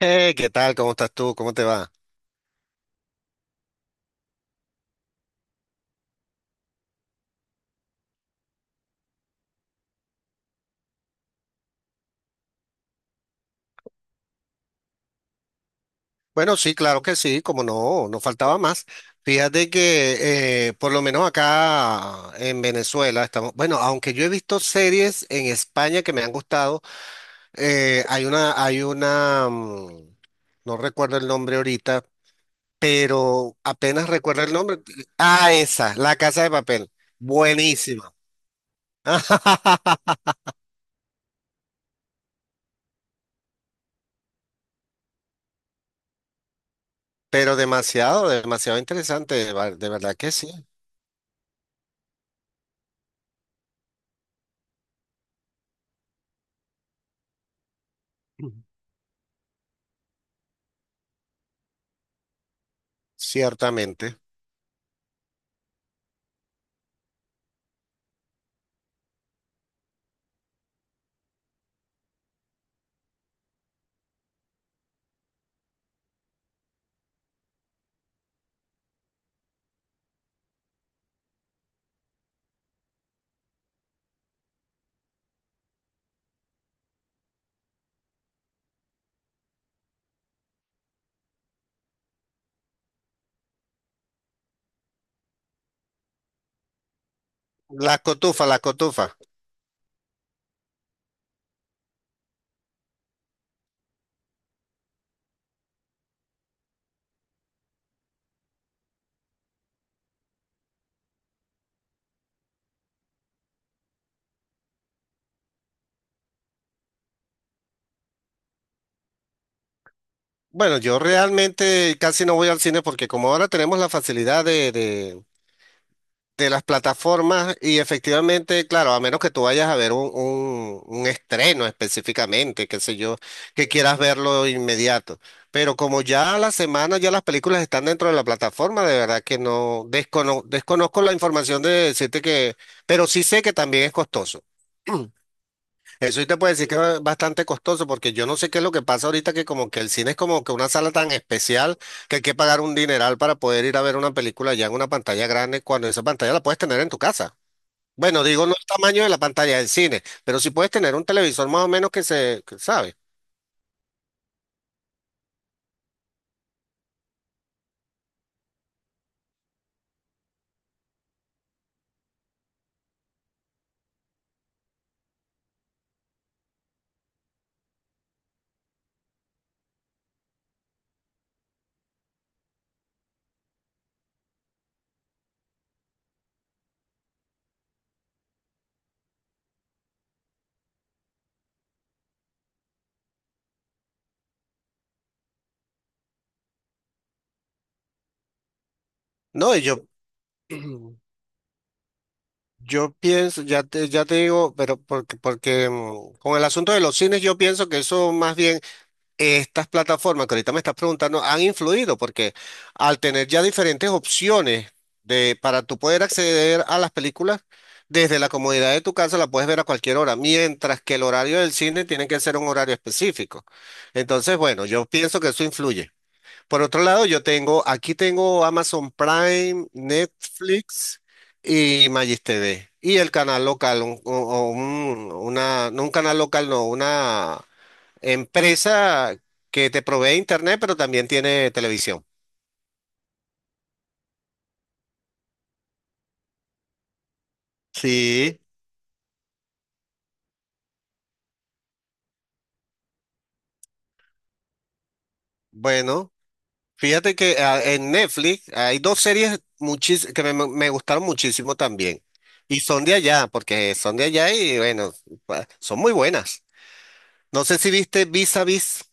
¿Qué tal? ¿Cómo estás tú? ¿Cómo te va? Bueno, sí, claro que sí, como no, no faltaba más. Fíjate que por lo menos acá en Venezuela estamos, bueno, aunque yo he visto series en España que me han gustado, hay una, no recuerdo el nombre ahorita, pero apenas recuerdo el nombre. Ah, esa, La Casa de Papel. Buenísima. Pero demasiado, demasiado interesante, de verdad que sí, ciertamente. La cotufa, la cotufa. Bueno, yo realmente casi no voy al cine porque como ahora tenemos la facilidad de las plataformas y efectivamente, claro, a menos que tú vayas a ver un estreno específicamente, qué sé yo, que quieras verlo inmediato. Pero como ya a la semana ya las películas están dentro de la plataforma, de verdad que no desconozco la información de decirte que, pero sí sé que también es costoso. Eso sí te puedo decir que es bastante costoso porque yo no sé qué es lo que pasa ahorita que como que el cine es como que una sala tan especial que hay que pagar un dineral para poder ir a ver una película ya en una pantalla grande cuando esa pantalla la puedes tener en tu casa. Bueno, digo no el tamaño de la pantalla del cine, pero sí puedes tener un televisor más o menos que se, que sabe. No, y yo, yo pienso, ya te digo, pero porque con el asunto de los cines yo pienso que eso más bien estas plataformas que ahorita me estás preguntando han influido porque al tener ya diferentes opciones para tú poder acceder a las películas desde la comodidad de tu casa la puedes ver a cualquier hora, mientras que el horario del cine tiene que ser un horario específico. Entonces, bueno, yo pienso que eso influye. Por otro lado, yo tengo, aquí tengo Amazon Prime, Netflix y Magis TV. Y el canal local, una, no un canal local, no, una empresa que te provee internet, pero también tiene televisión. Sí, bueno, fíjate que en Netflix hay dos series me gustaron muchísimo también. Y son de allá, porque son de allá y bueno, son muy buenas. No sé si viste Vis a Vis.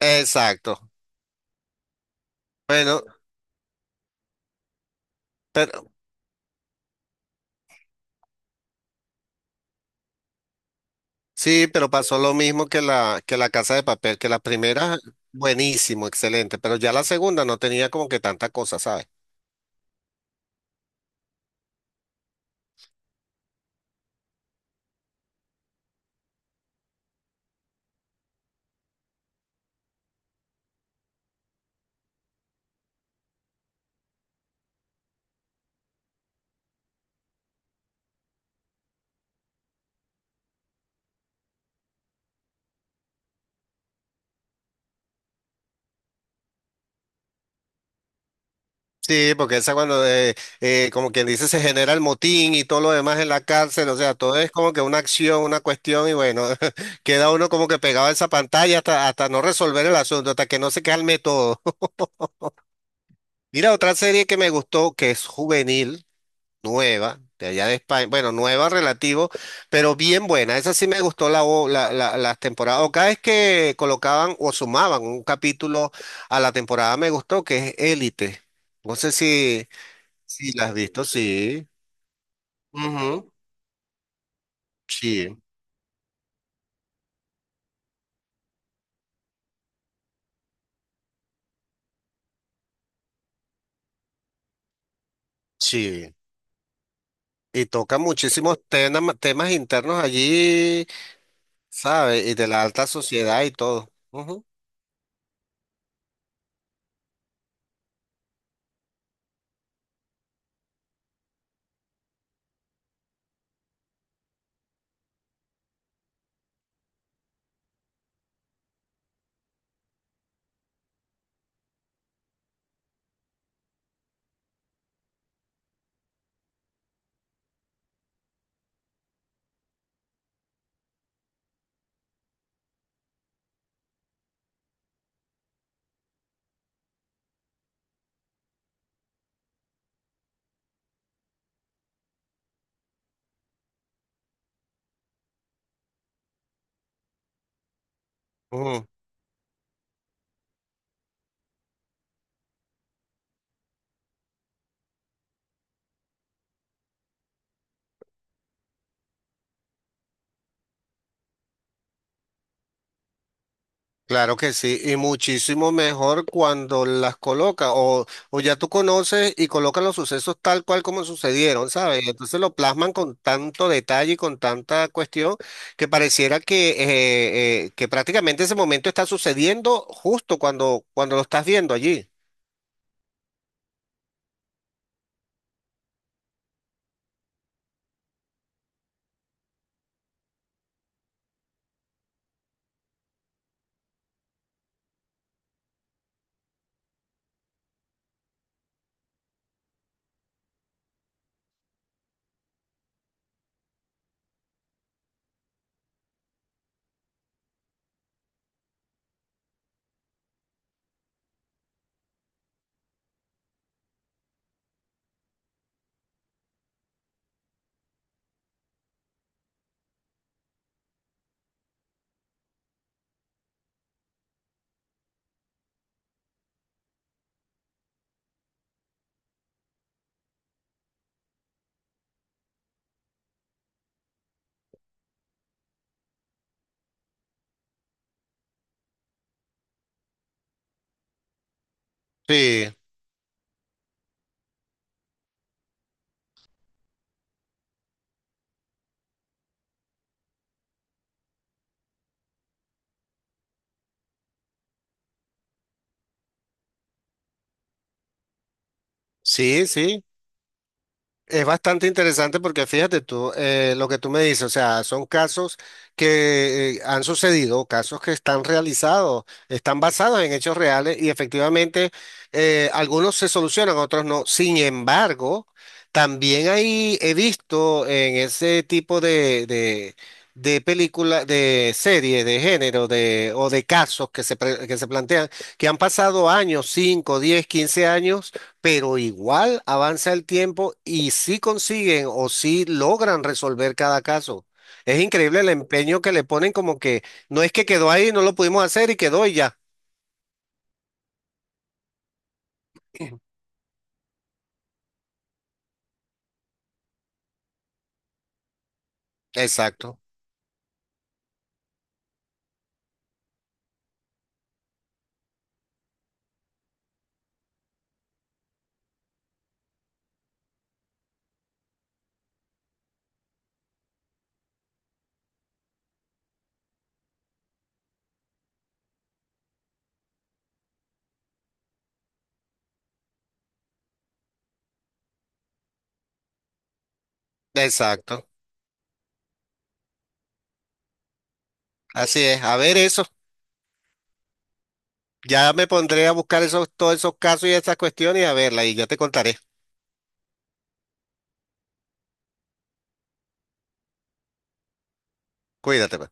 Exacto. Bueno, pero sí, pero pasó lo mismo que la Casa de Papel, que la primera, buenísimo, excelente, pero ya la segunda no tenía como que tanta cosa, ¿sabes? Sí, porque esa cuando, como quien dice, se genera el motín y todo lo demás en la cárcel, o sea, todo es como que una acción, una cuestión y bueno, queda uno como que pegado a esa pantalla hasta, hasta no resolver el asunto, hasta que no se calme todo. Mira, otra serie que me gustó, que es juvenil, nueva, de allá de España, bueno, nueva relativo, pero bien buena, esa sí me gustó las temporadas, o cada vez que colocaban o sumaban un capítulo a la temporada me gustó, que es Élite. No sé si... Sí, las has visto, sí. Ujú. Sí, sí. Y toca muchísimos temas internos allí, ¿sabes? Y de la alta sociedad y todo. Ujú, ujú. Claro que sí. Y muchísimo mejor cuando las coloca o ya tú conoces y colocan los sucesos tal cual como sucedieron, ¿sabes? Entonces lo plasman con tanto detalle y con tanta cuestión que pareciera que prácticamente ese momento está sucediendo justo cuando, cuando lo estás viendo allí. Sí. Sí, sí, es bastante interesante porque fíjate tú, lo que tú me dices, o sea, son casos que han sucedido, casos que están realizados, están basados en hechos reales y efectivamente algunos se solucionan, otros no. Sin embargo, también ahí he visto en ese tipo de película, de serie, de género, de, o de casos que que se plantean, que han pasado años, 5, 10, 15 años, pero igual avanza el tiempo y sí consiguen o sí logran resolver cada caso. Es increíble el empeño que le ponen como que no es que quedó ahí, no lo pudimos hacer y quedó y ya. Exacto, exacto. Así es. A ver eso. Ya me pondré a buscar esos, todos esos casos y esas cuestiones y a verla y ya te contaré. Cuídate, pues.